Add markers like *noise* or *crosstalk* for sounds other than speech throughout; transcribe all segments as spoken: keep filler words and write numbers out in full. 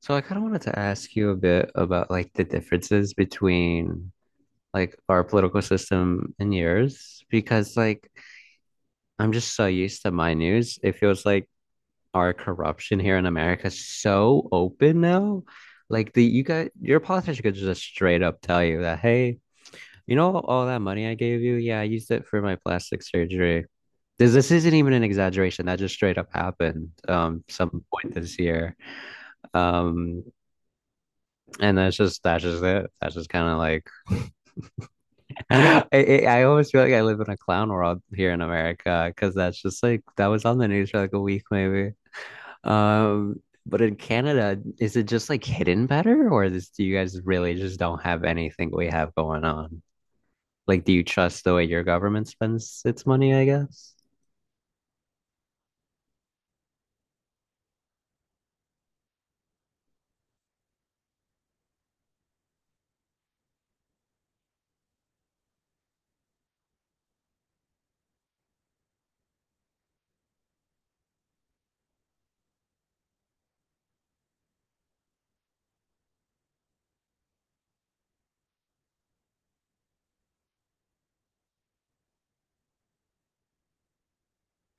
So I kind of wanted to ask you a bit about like the differences between like our political system and yours because like I'm just so used to my news. It feels like our corruption here in America is so open now. Like the you got your politician could just straight up tell you that, hey, you know all that money I gave you? Yeah, I used it for my plastic surgery. This this isn't even an exaggeration. That just straight up happened um some point this year. Um And that's just that's just it. That's just kind of like *laughs* I, I I always feel like I live in a clown world here in America because that's just like that was on the news for like a week maybe. Um, but in Canada, is it just like hidden better, or is do you guys really just don't have anything we have going on? Like, do you trust the way your government spends its money, I guess?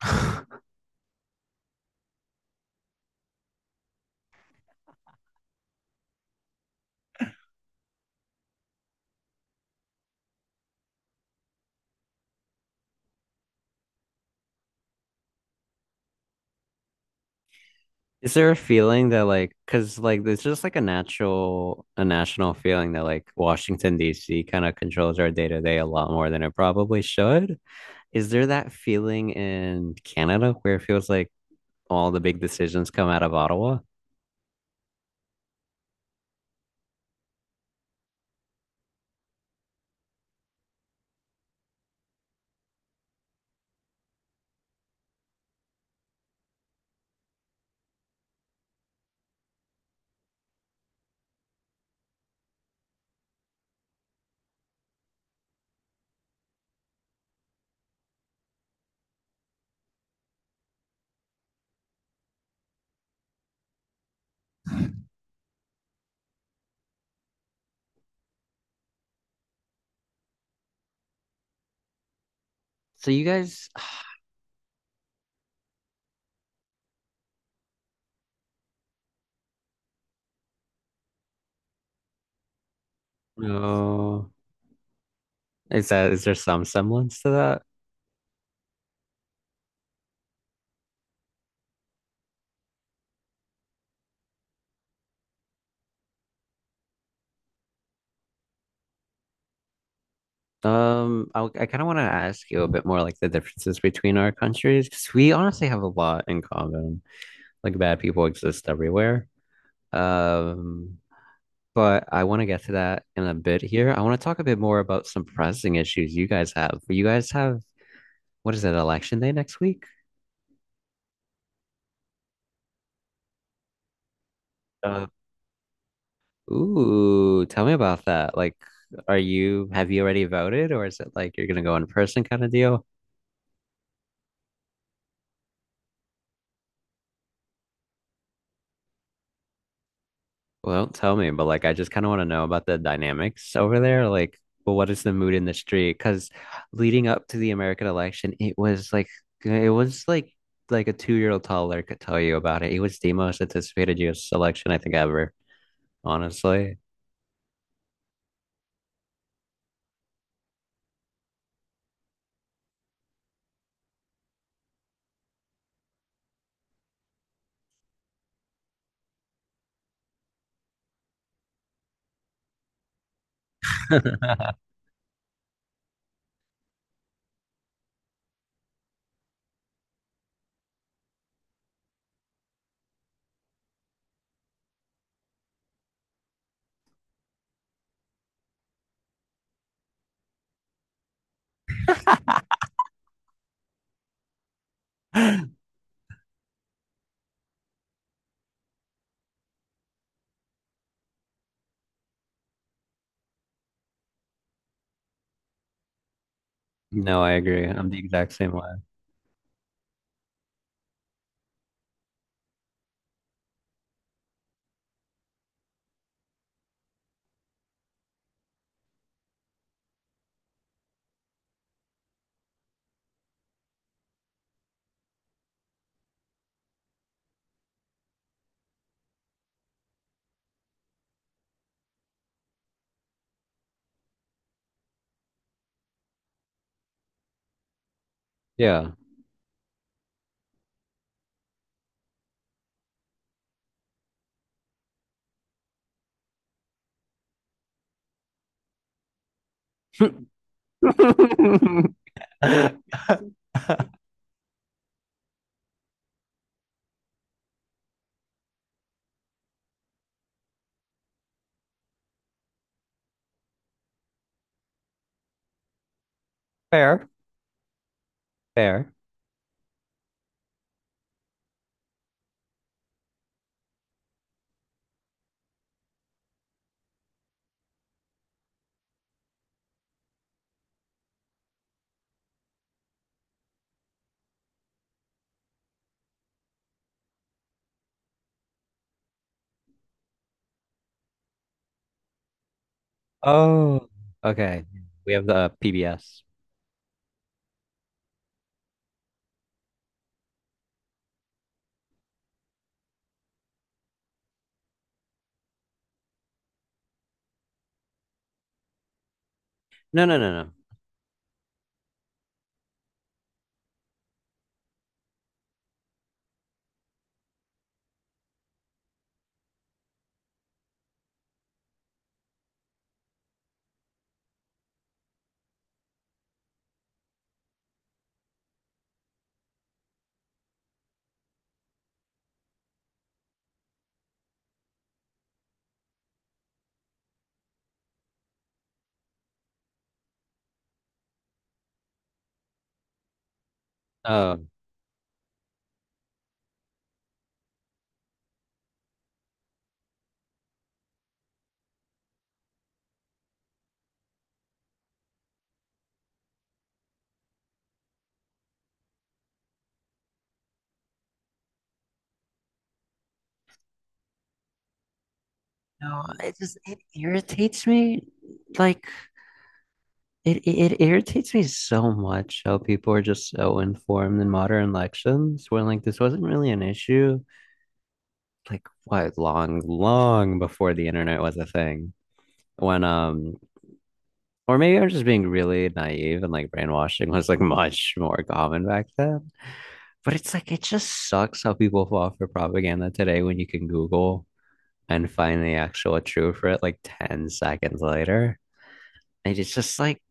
*laughs* Is there a feeling that like, cause like there's just like a natural, a national feeling that like Washington D C kind of controls our day-to-day a lot more than it probably should. Is there that feeling in Canada where it feels like all the big decisions come out of Ottawa? So you guys, *sighs* no. Is that is there some semblance to that? Um, I, I kind of want to ask you a bit more like the differences between our countries because we honestly have a lot in common. Like bad people exist everywhere. Um, But I want to get to that in a bit here. I want to talk a bit more about some pressing issues you guys have. You guys have, what is it, election day next week? Uh, Ooh, tell me about that. Like, are you, have you already voted, or is it like you're gonna go in person kind of deal? Well, don't tell me, but like I just kind of want to know about the dynamics over there. Like, well, what is the mood in the street? Because leading up to the American election, it was like it was like like a two-year-old toddler could tell you about it. It was the most anticipated U S election I think ever, honestly. *laughs* No, I agree. I'm the exact same way. Yeah. *laughs* Fair, fair. Oh, okay. We have the P B S. No, no, no, no. Oh, no, it just it irritates me. Like it, it, it irritates me so much how people are just so informed in modern elections when like this wasn't really an issue. Like what, long, long before the internet was a thing. When um or maybe I'm just being really naive and like brainwashing was like *laughs* much more common back then. But it's like, it just sucks how people fall for propaganda today when you can Google and find the actual truth for it like ten seconds later. And it's just like,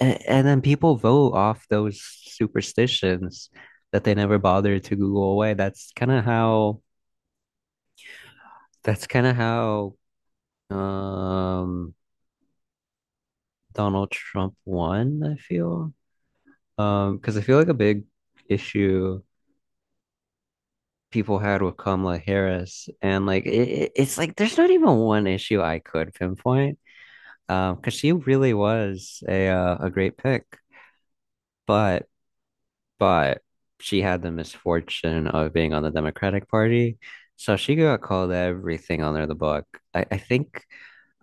a- and then people vote off those superstitions that they never bothered to Google away. That's kind of how, that's kind of how, um, Donald Trump won, I feel. Um, because I feel like a big issue people had with Kamala Harris, and like it, it's like there's not even one issue I could pinpoint, um, because she really was a uh, a great pick, but but she had the misfortune of being on the Democratic Party, so she got called everything under the book. I, I think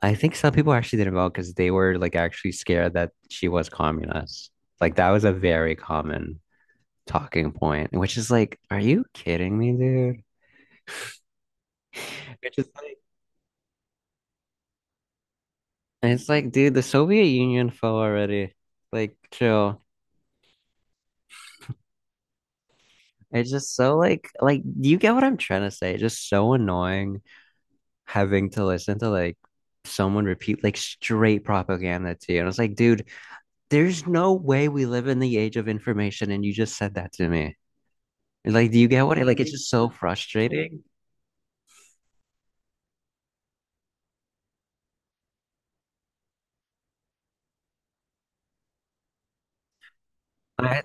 I think some people actually didn't vote because they were like actually scared that she was communist. Like that was a very common talking point, which is like, are you kidding me, dude? *laughs* Which is like. And it's like, dude, the Soviet Union fell already. Like, chill. It's just so like like do you get what I'm trying to say? It's just so annoying having to listen to like someone repeat like straight propaganda to you. And it's like, dude, there's no way we live in the age of information and you just said that to me. And, like, do you get what it like it's just so frustrating. I,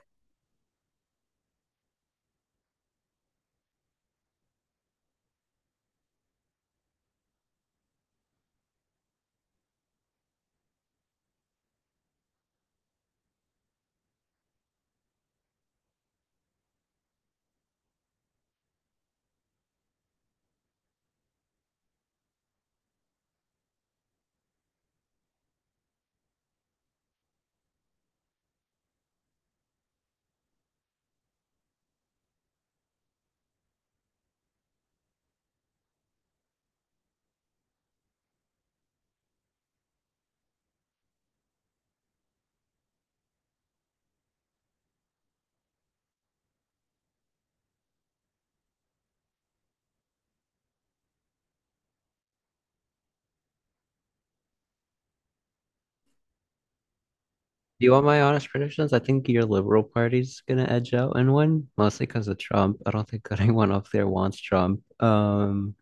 do you want my honest predictions? I think your Liberal Party's gonna edge out and win, mostly because of Trump. I don't think *laughs* anyone up there wants Trump. Um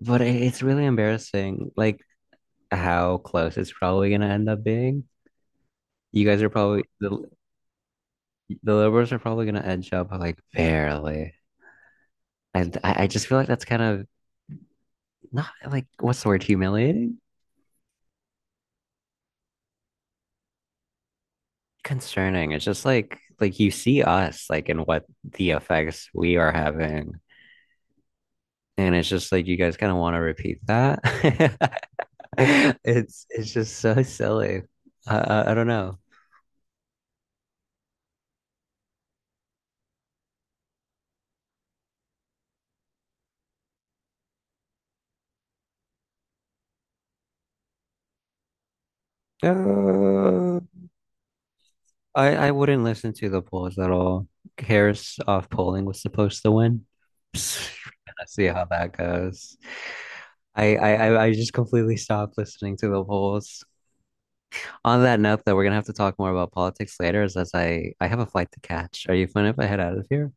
But it- it's really embarrassing, like how close it's probably gonna end up being. You guys are probably the the liberals are probably gonna edge up like barely, and I, I just feel like that's kind of not like what's the word, humiliating, concerning. It's just like like you see us like and what the effects we are having, and it's just like you guys kind of want to repeat that. *laughs* It's it's just so silly. I I, I don't know. *laughs* I, I wouldn't listen to the polls at all. Harris off polling was supposed to win. *laughs* Let's see how that goes. I, I I I just completely stopped listening to the polls. On that note, though, we're gonna have to talk more about politics later, as, as I I have a flight to catch. Are you fine if I head out of here?